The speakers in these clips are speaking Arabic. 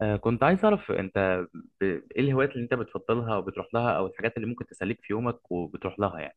كنت عايز أعرف أنت إيه الهوايات اللي أنت بتفضلها أو بتروح لها أو الحاجات اللي ممكن تسليك في يومك وبتروح لها يعني.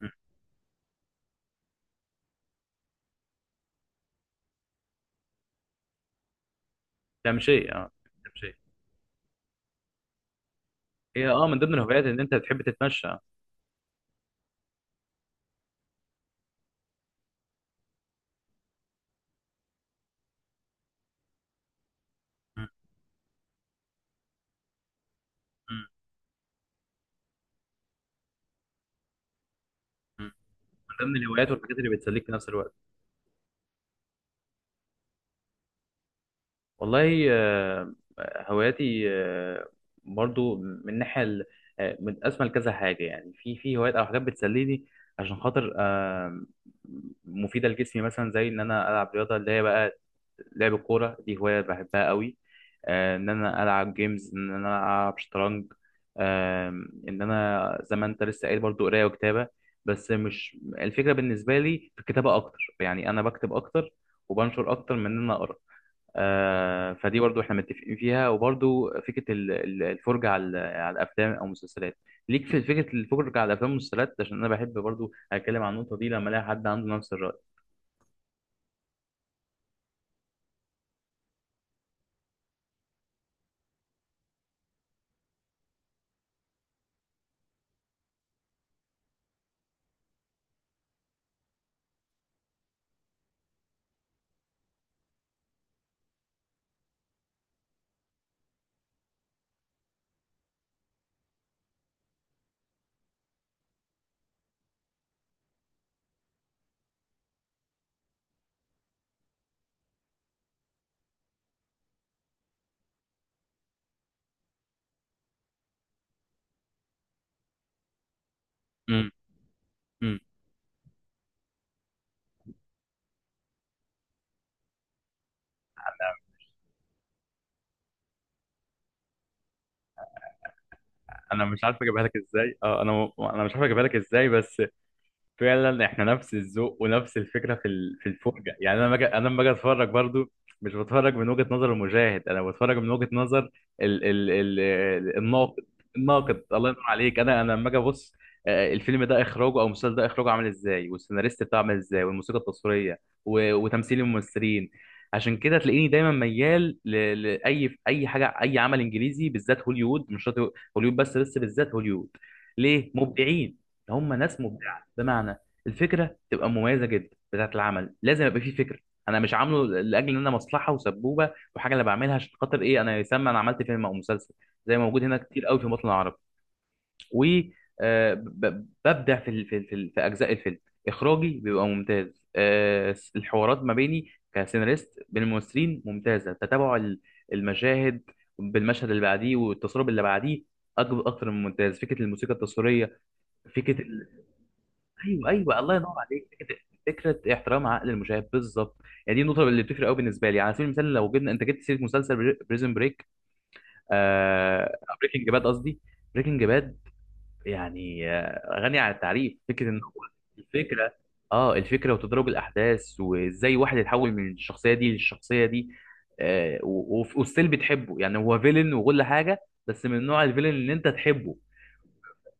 مم. تمشي أه. تمشي هي من ضمن الهوايات إن أنت بتحب تتمشى. مم. مم. مم. من ضمن الهوايات والحاجات اللي بتسليك في نفس الوقت. والله هواياتي برضو من ناحية متقسمة لكذا حاجة يعني في هوايات أو حاجات بتسليني عشان خاطر مفيدة لجسمي مثلا زي إن أنا ألعب رياضة اللي هي بقى لعب الكورة دي هواية بحبها قوي. إن أنا ألعب جيمز إن أنا ألعب شطرنج. آه، إن أنا زي ما أنت لسه قايل برضو قراية وكتابة، بس مش الفكرة بالنسبة لي في الكتابة أكتر يعني أنا بكتب أكتر وبنشر أكتر من إن أنا أقرأ. فدي برضو احنا متفقين فيها وبرضو فكره الفرجه على الافلام او المسلسلات. ليك في فكره الفرجه على الافلام والمسلسلات عشان انا بحب برضو اتكلم عن النقطه دي لما الاقي حد عنده نفس الراي. امم. امم. انا مش عارف اجيبها لك ازاي، اه انا مش عارف اجيبها لك ازاي، بس فعلا احنا نفس الذوق ونفس الفكره في في الفرجه. يعني انا مجد انا لما اجي اتفرج برضو مش بتفرج من وجهه نظر المشاهد، انا بتفرج من وجهه نظر الناقد. الناقد الله ينور عليك. انا لما اجي ابص الفيلم ده اخراجه او المسلسل ده اخراجه عامل ازاي، والسيناريست بتاعه عامل ازاي، والموسيقى التصويريه وتمثيل الممثلين. عشان كده تلاقيني دايما ميال لاي اي حاجه، اي عمل انجليزي بالذات هوليوود. مش شرط هوليوود، بس بالذات هوليوود ليه مبدعين. هم ناس مبدعين بمعنى الفكره تبقى مميزه جدا. بتاعه العمل لازم يبقى فيه فكره. انا مش عامله لاجل ان انا مصلحه وسبوبه وحاجه، انا بعملها عشان خاطر ايه، انا يسمى انا عملت فيلم او مسلسل زي ما موجود هنا كتير قوي في الوطن العربي، و ببدع في في اجزاء الفيلم. اخراجي بيبقى ممتاز، الحوارات ما بيني كسيناريست بين الممثلين ممتازه، تتابع المشاهد بالمشهد اللي بعديه والتصوير اللي بعديه اكتر من ممتاز. فكره الموسيقى التصويريه فكره. ايوه ايوه الله ينور عليك فكره. فكرة احترام عقل المشاهد بالظبط. يعني دي النقطه اللي بتفرق قوي بالنسبه لي. على سبيل المثال لو جبنا، انت جبت سيره مسلسل بريزن بريك، بريكنج باد قصدي. بريكنج باد يعني غني عن التعريف. فكره ان هو الفكره، اه الفكره وتدرج الاحداث وازاي واحد يتحول من الشخصيه دي للشخصيه دي، وستيل بتحبه يعني هو فيلن وكل حاجه، بس من نوع الفيلن اللي انت تحبه.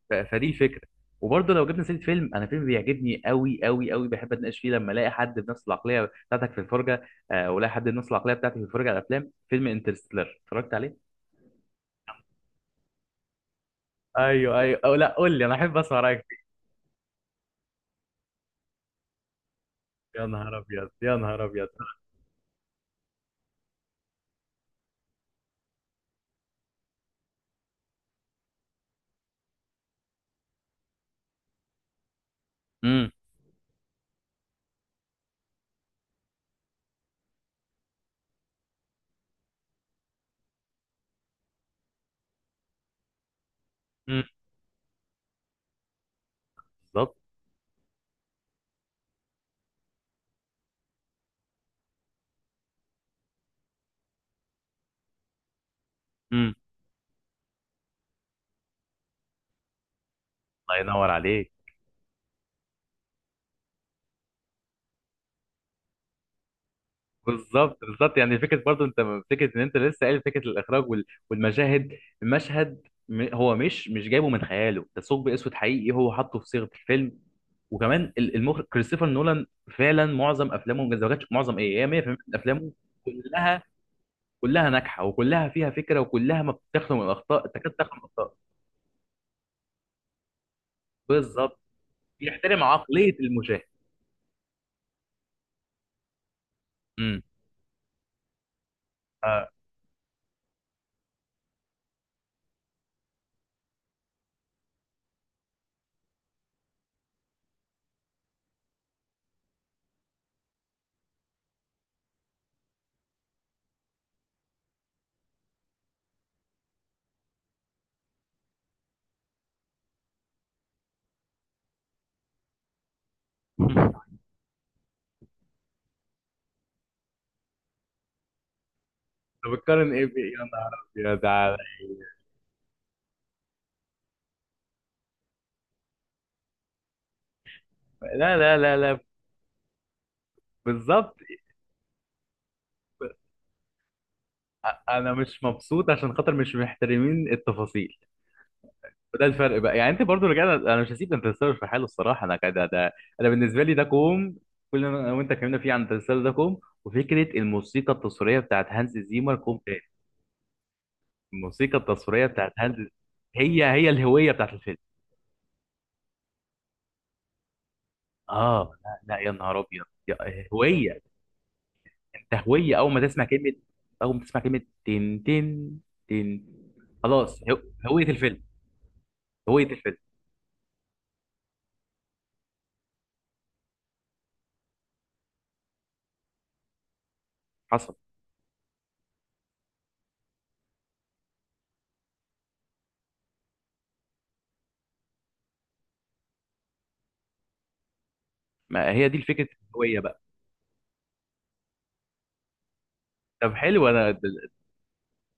فدي الفكره. وبرضه لو جبنا سيره فيلم، انا فيلم بيعجبني قوي قوي قوي بحب اتناقش فيه لما الاقي حد بنفس العقليه بتاعتك في الفرجه، والاقي حد بنفس العقليه بتاعتي في الفرجه على الافلام، فيلم انترستيلر اتفرجت عليه. ايوه ايوه، او لا قول لي، انا احب اسمع رايك فيه. يا نهار ابيض يا نهار ابيض. امم. امم. بالظبط. امم. الله ينور عليك. بالظبط بالظبط. يعني فكره برضو انت، فكره ان انت لسه قايل فكره الاخراج والمشاهد، المشهد هو مش جايبه من خياله، ده ثقب اسود حقيقي هو حاطه في صيغه الفيلم. وكمان المخرج كريستوفر نولان، فعلا معظم افلامه ما كانتش، معظم ايه، هي 100% من افلامه كلها كلها ناجحه وكلها فيها فكره وكلها ما بتخلو من الاخطاء، تكاد تخلو من الاخطاء. بالظبط، بيحترم عقليه المشاهد. امم. آه. طب بتقارن ايه بإيه؟ يا نهار ابيض عليا. لا لا لا لا. بالظبط. انا مش مبسوط عشان خاطر مش محترمين التفاصيل. وده الفرق بقى. يعني انت برضو رجعت، انا مش هسيب ده التسلسل في حاله الصراحه، انا كده ده. انا بالنسبه لي ده كوم، كل ما انا وانت اتكلمنا فيه عن التسلسل ده كوم، وفكره الموسيقى التصويريه بتاعت هانز زيمر كوم تاني. الموسيقى التصويريه بتاعت هانز، هي هي الهويه بتاعت الفيلم. اه لا لا يا نهار ابيض، هويه. انت هويه، اول ما تسمع كلمه، اول ما تسمع كلمه تن تن تن خلاص، هويه الفيلم. هويه الفيلم حصل. ما هي دي فكره الهويه بقى. طب حلو. انا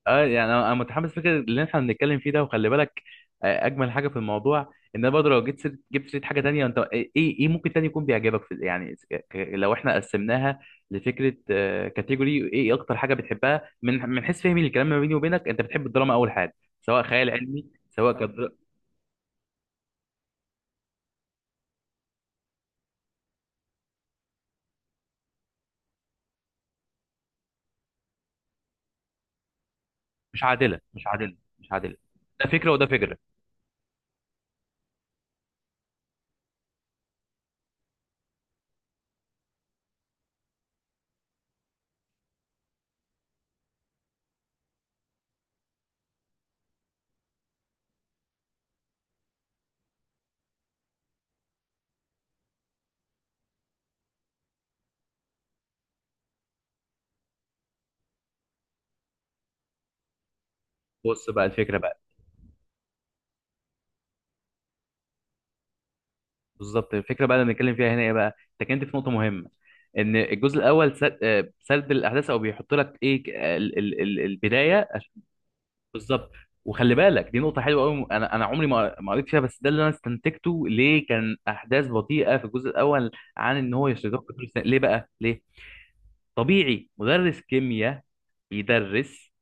اه يعني انا متحمس فكره اللي احنا بنتكلم فيه ده، وخلي بالك اجمل حاجه في الموضوع ان انا برضه لو جيت جبت سيره حاجه تانية. انت ايه، ايه إيه ممكن تاني يكون بيعجبك في، يعني لو احنا قسمناها لفكره، كاتيجوري ايه، إيه اكتر حاجه بتحبها؟ من حيث فهمي للكلام ما بيني وبينك، انت بتحب الدراما اول حاجه، سواء خيال علمي سواء كدر... مش عادله مش عادله مش عادله. ده فكره وده فكره. بص بقى الفكره، بالظبط. الفكره بقى اللي بنتكلم فيها هنا ايه بقى؟ انت كنت في نقطه مهمه، ان الجزء الاول سرد الاحداث، او بيحط لك ايه ك- ال ال ال البدايه بالظبط. وخلي بالك دي نقطه حلوه قوي، انا عمري ما قريت فيها، بس ده اللي انا استنتجته، ليه كان احداث بطيئه في الجزء الاول؟ عن ان هو يشتغل في كل سنة. ليه بقى؟ ليه طبيعي مدرس كيمياء بيدرس،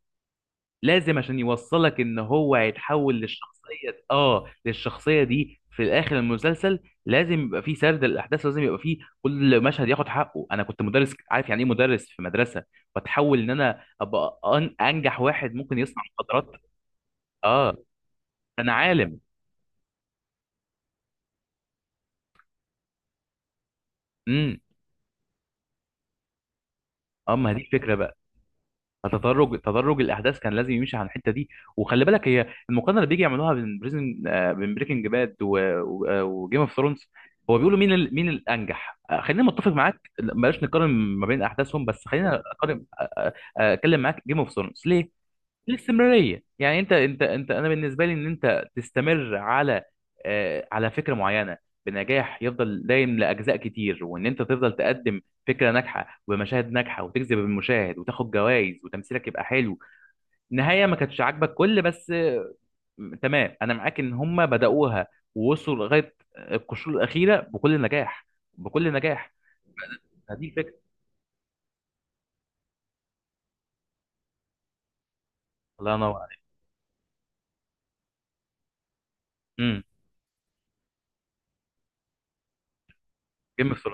لازم عشان يوصلك ان هو هيتحول للشخصيه، اه للشخصيه دي في الاخر المسلسل. لازم يبقى فيه سرد الاحداث، لازم يبقى فيه كل مشهد ياخد حقه. انا كنت مدرس عارف يعني ايه مدرس في مدرسه، واتحول ان انا ابقى انجح واحد ممكن يصنع مخدرات. اه انا عالم. امم. اه ما هي دي الفكره بقى. فتدرج الاحداث كان لازم يمشي على الحته دي. وخلي بالك هي المقارنه اللي بيجي يعملوها بين بريزن بين بريكنج باد وجيم اوف ثرونز، هو بيقولوا مين مين الانجح. خلينا متفق معاك، بلاش نقارن ما بين احداثهم، بس خلينا اقارن. اتكلم معاك جيم اوف ثرونز ليه؟ الاستمراريه. يعني انت انت انت انا بالنسبه لي ان انت تستمر على على فكره معينه بنجاح، يفضل دايم لاجزاء كتير، وان انت تفضل تقدم فكره ناجحه ومشاهد ناجحه وتجذب المشاهد وتاخد جوائز وتمثيلك يبقى حلو. النهايه ما كانتش عاجبك كل، بس تمام، انا معاك ان هم بداوها ووصلوا لغايه القشور الاخيره بكل نجاح بكل نجاح. هذه الفكره. الله ينور عليك. امم. جيم اوف.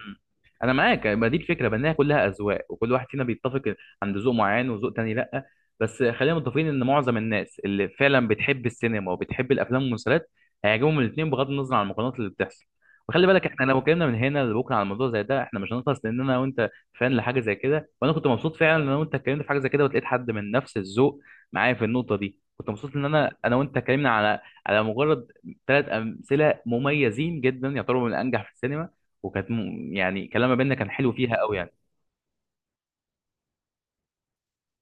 مم. انا معاك، ما دي الفكره بانها كلها اذواق وكل واحد فينا بيتفق عند ذوق معين وذوق تاني، لا بس خلينا متفقين ان معظم الناس اللي فعلا بتحب السينما وبتحب الافلام والمسلسلات هيعجبهم الاثنين بغض النظر عن المقارنات اللي بتحصل. وخلي بالك احنا لو اتكلمنا من هنا لبكره على الموضوع زي ده احنا مش هنخلص، لان انا وانت فان لحاجه زي كده. وانا كنت مبسوط فعلا ان انا وانت اتكلمنا في حاجه زي كده، ولقيت حد من نفس الذوق معايا في النقطه دي. كنت مبسوط ان انا وانت اتكلمنا على، على مجرد ثلاث امثله مميزين جدا يعتبروا من الانجح في السينما، وكانت يعني كلام ما بيننا كان حلو فيها قوي يعني.